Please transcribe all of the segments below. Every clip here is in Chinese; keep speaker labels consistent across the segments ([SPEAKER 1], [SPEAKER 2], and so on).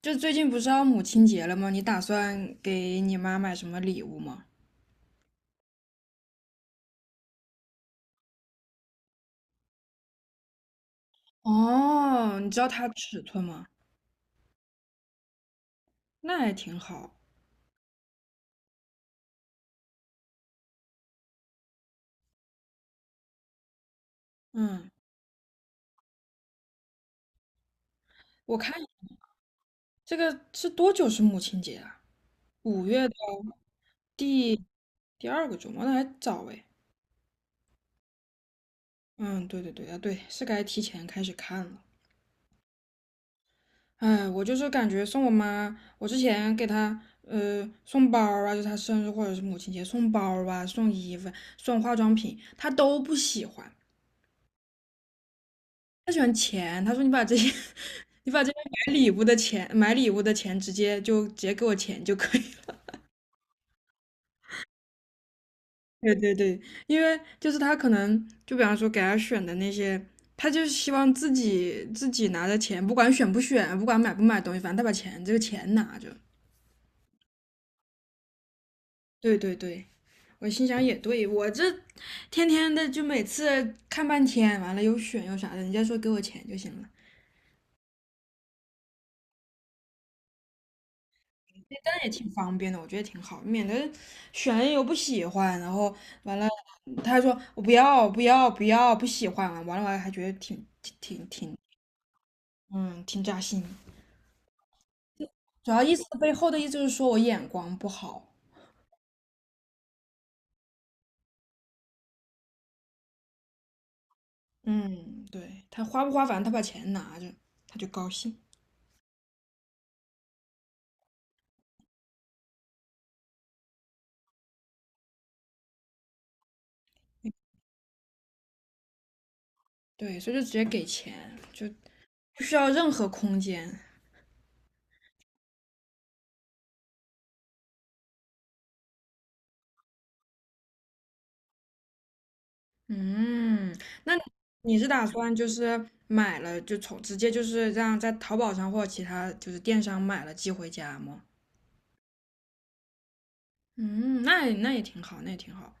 [SPEAKER 1] 就最近不是要母亲节了吗？你打算给你妈买什么礼物吗？哦，你知道它尺寸吗？那还挺好。嗯，我看这个是多久是母亲节啊？五月的第第二个周末，那还早哎。嗯，对对对啊，对，是该提前开始看了。哎，我就是感觉送我妈，我之前给她送包儿啊，就她生日或者是母亲节送包儿啊，送衣服、送化妆品，她都不喜欢。他喜欢钱，他说你把这些，你把这些买礼物的钱，买礼物的钱直接就直接给我钱就可以了。对对对，因为就是他可能就比方说给他选的那些，他就是希望自己拿着钱，不管选不选，不管买不买东西，反正他把钱这个钱拿着。对对对，我心想也对，我这天天的就每次看半天，完了又选又啥的，人家说给我钱就行了。但是也挺方便的，我觉得挺好，免得选了又不喜欢，然后完了，他还说我不要不喜欢了。完了还觉得挺扎心，主要意思背后的意思就是说我眼光不好。嗯，对，他花不花反正他把钱拿着他就高兴。对，所以就直接给钱，就不需要任何空间。嗯，那你是打算就是买了就直接就是这样在淘宝上或其他就是电商买了寄回家吗？嗯，那也挺好，那也挺好。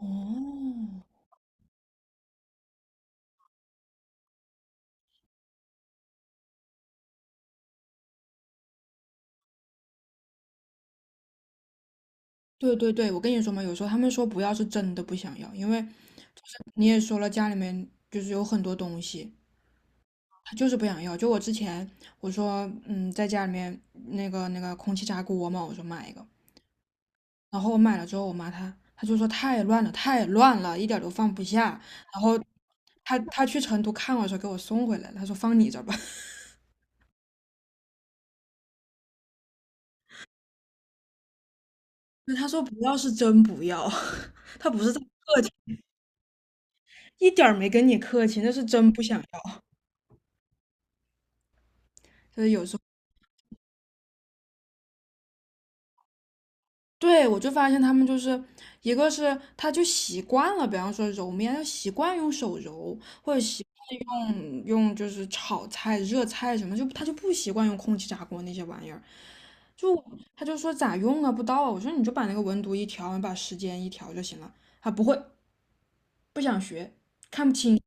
[SPEAKER 1] 哦，对对对，我跟你说嘛，有时候他们说不要是真的不想要，因为你也说了家里面就是有很多东西，他就是不想要。就我之前我说，在家里面那个空气炸锅嘛，我说买一个，然后我买了之后，我妈她就说太乱了，太乱了，一点儿都放不下。然后她去成都看我的时候给我送回来了，她说放你这儿吧。那她说不要是真不要，她不是在客气，一点儿没跟你客气，那是真不想要。就是有时候，对，我就发现他们就是一个是他就习惯了，比方说揉面，他习惯用手揉，或者习。用就是炒菜、热菜什么，就他就不习惯用空气炸锅那些玩意儿，就他就说咋用啊，不到啊。我说你就把那个温度一调，你把时间一调就行了。他不会，不想学，看不清。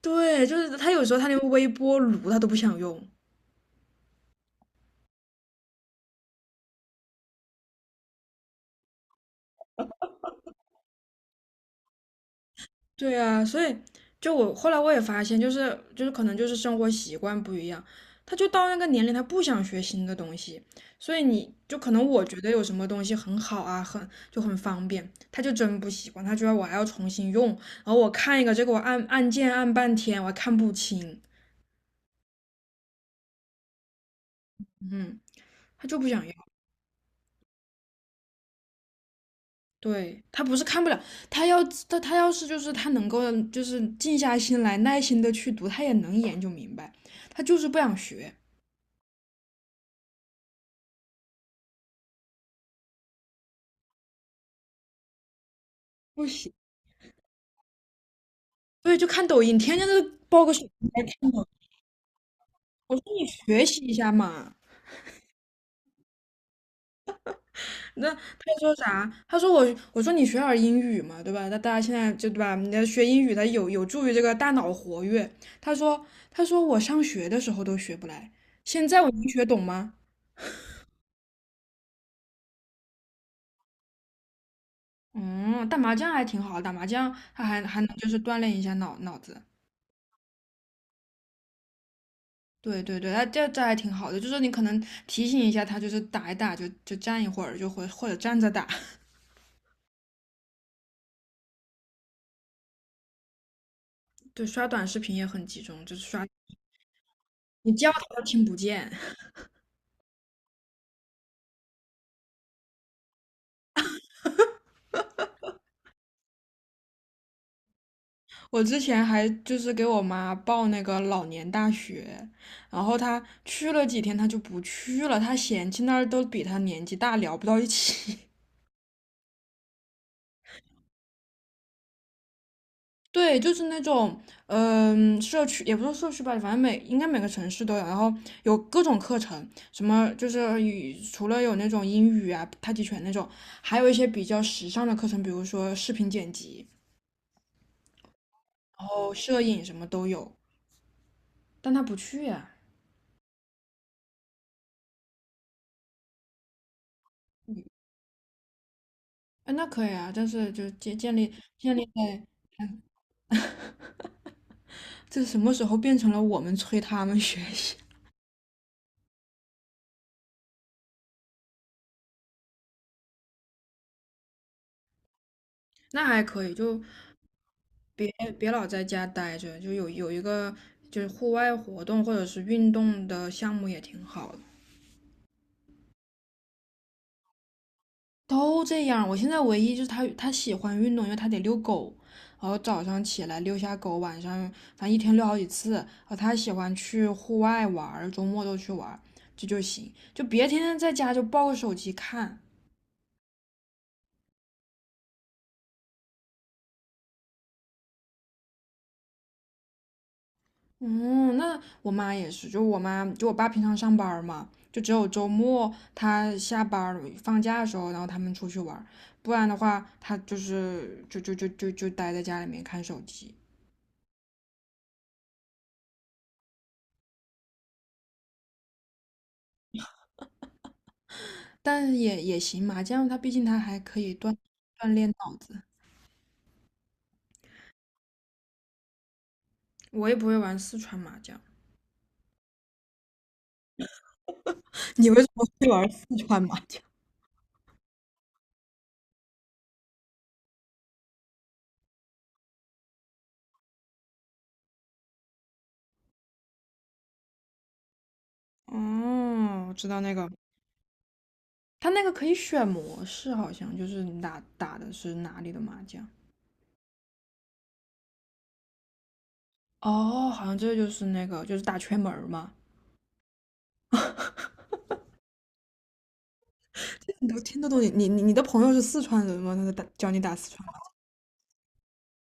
[SPEAKER 1] 对，就是他有时候他连微波炉他都不想用。对啊，所以就我后来我也发现，就是可能就是生活习惯不一样，他就到那个年龄，他不想学新的东西，所以你就可能我觉得有什么东西很好啊，很就很方便，他就真不习惯，他觉得我还要重新用，然后我看一个这个我按按键按半天，我还看不清。嗯，他就不想要。对，他不是看不了，他要他要是就是他能够就是静下心来，耐心的去读，他也能研究明白，他就是不想学，不行。对，就看抖音，天天都抱个小孩看抖音。我说你学习一下嘛，那他说啥？他说我，我说你学点儿英语嘛，对吧？那大家现在就对吧？你要学英语，它有助于这个大脑活跃。他说，他说我上学的时候都学不来，现在我能学懂吗？嗯，打麻将还挺好，打麻将他还能就是锻炼一下脑子。对对对，它这还挺好的，就是你可能提醒一下他，就是打一打就站一会儿，或者站着打。对，刷短视频也很集中，就是刷，你叫他都听不见。我之前还就是给我妈报那个老年大学，然后她去了几天，她就不去了，她嫌弃那儿都比她年纪大，聊不到一起。对，就是那种，嗯、社区也不是社区吧，反正每应该每个城市都有，然后有各种课程，什么就是语除了有那种英语啊、太极拳那种，还有一些比较时尚的课程，比如说视频剪辑，然后摄影什么都有。但他不去呀、哎，那可以啊，但是就建建立在这什么时候变成了我们催他们学习？那还可以，就别别老在家待着，就有一个就是户外活动或者是运动的项目也挺好的。都这样，我现在唯一就是他喜欢运动，因为他得遛狗，然后早上起来遛下狗，晚上反正一天遛好几次。然后他喜欢去户外玩儿，周末都去玩儿，这就行，就别天天在家就抱个手机看。嗯，那我妈也是，就我妈，就我爸平常上班儿嘛，就只有周末他下班儿放假的时候，然后他们出去玩儿不然的话，他就是就待在家里面看手机，但也行嘛，麻将他毕竟他还可以锻锻炼脑子。我也不会玩四川麻将。你为什么会玩四川麻将？哦，我知道那个，他那个可以选模式，好像就是你打的是哪里的麻将。哦，好像这就是那个就是打圈门儿嘛。你都听得懂你的朋友是四川人吗？他在打教你打四川话，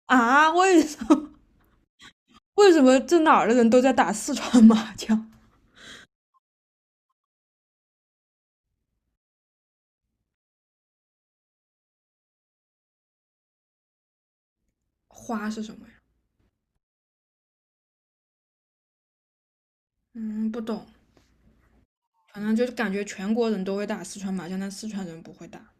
[SPEAKER 1] 啊？为什么 为什么这哪儿的人都在打四川麻将？花是什么呀？嗯，不懂。反正就是感觉全国人都会打四川麻将，但四川人不会打。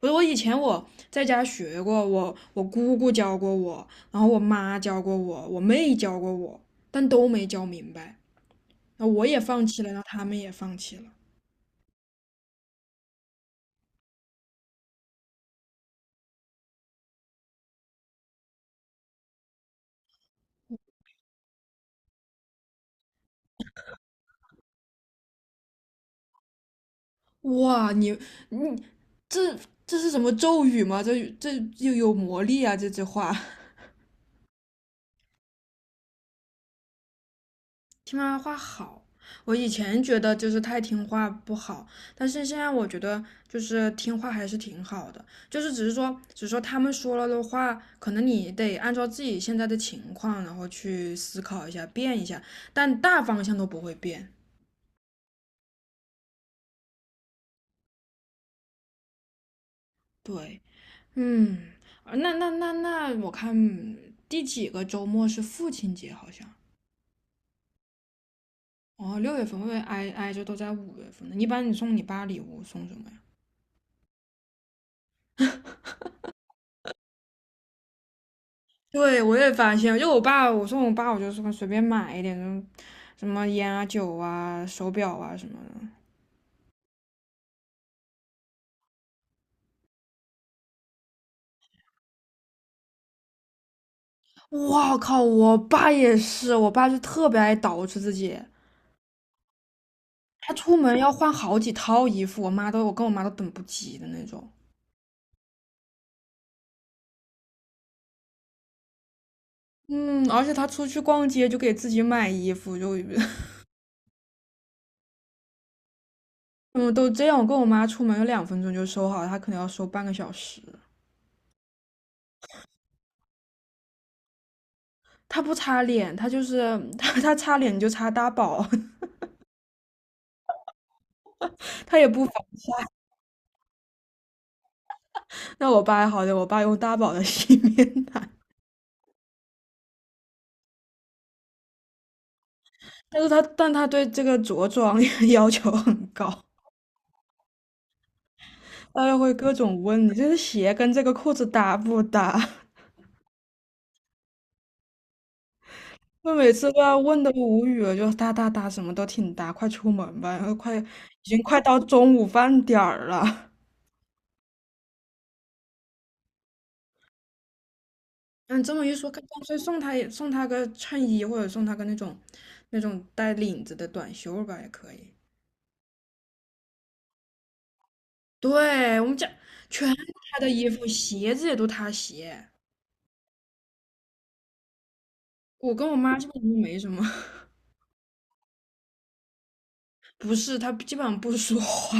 [SPEAKER 1] 不是我以前我在家学过，我姑姑教过我，然后我妈教过我，我妹教过我，但都没教明白。那我也放弃了，然后他们也放弃了。哇，你你这这是什么咒语吗？这又有魔力啊！这句话，听妈妈话好。我以前觉得就是太听话不好，但是现在我觉得就是听话还是挺好的，就是只是说,他们说了的话，可能你得按照自己现在的情况，然后去思考一下，变一下，但大方向都不会变。对，嗯，那，我看第几个周末是父亲节，好像哦，六月份会不会挨着都在五月份呢。一般你送你爸礼物送什么呀？对，我也发现，就我爸，我送我爸，我就说随便买一点，什么烟啊、酒啊、手表啊什么的。哇靠！我爸也是，我爸就特别爱捯饬自己，他出门要换好几套衣服，我妈都我跟我妈都等不及的那种。嗯，而且他出去逛街就给自己买衣服，就 嗯都这样。我跟我妈出门有两分钟就收好，他可能要收半个小时。他不擦脸，他就是 他擦脸就擦大宝，他也不防。那我爸好的，我爸用大宝的 洗面奶，但他对这个着装 要求很高，他又会各种问你这个鞋跟这个裤子搭不搭。我每次都要问的无语了，就搭，什么都挺搭，快出门吧，然后快已经快到中午饭点儿了。嗯，这么一说，干脆送他送他个衬衣，或者送他个那种带领子的短袖吧，也可以。对，我们家全是他的衣服，鞋子也都他洗。我跟我妈基本上没什么，不是，她基本上不说话。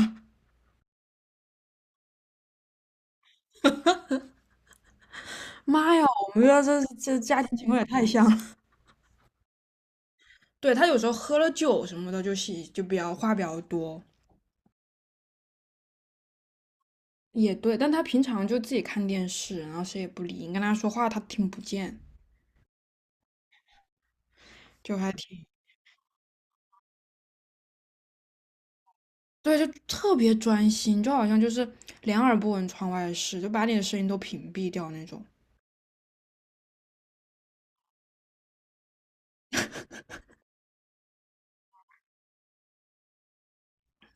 [SPEAKER 1] 妈呀，我们家这家庭情况也太像了。对，她有时候喝了酒什么的，就喜就比较话比较多，也对。但她平常就自己看电视，然后谁也不理，你跟她说话她听不见，就还挺对，就特别专心，就好像就是两耳不闻窗外事，就把你的声音都屏蔽掉那种。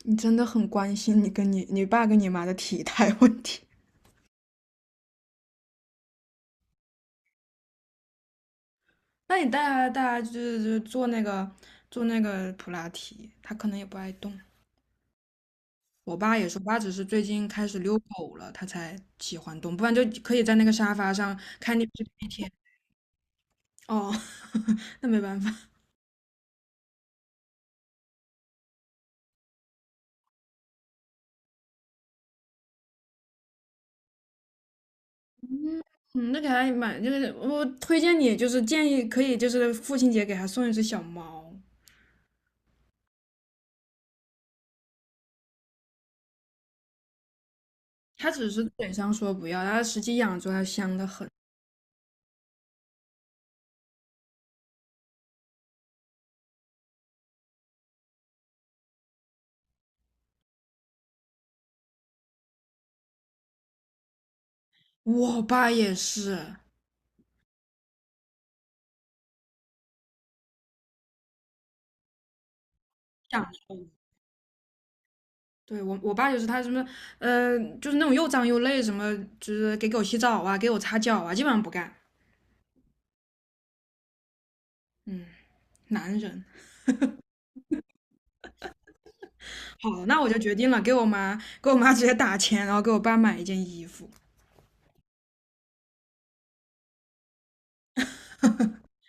[SPEAKER 1] 你真的很关心你跟你爸跟你妈的体态问题。那你带他就是就是做那个做那个普拉提，他可能也不爱动。我爸也是，我爸只是最近开始遛狗了，他才喜欢动，不然就可以在那个沙发上看电视一天。哦，那没办法。嗯，那给他买，就是我推荐你，就是建议可以，就是父亲节给他送一只小猫。他只是嘴上说不要，他实际养着它香得很。我爸也是养宠对我爸就是他什么，就是那种又脏又累，什么就是给狗洗澡啊，给我擦脚啊，基本上不干。嗯，男人。好，那我就决定了，给我妈直接打钱，然后给我爸买一件衣服。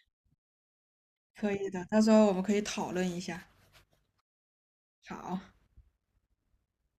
[SPEAKER 1] 可以的，到时候我们可以讨论一下。好。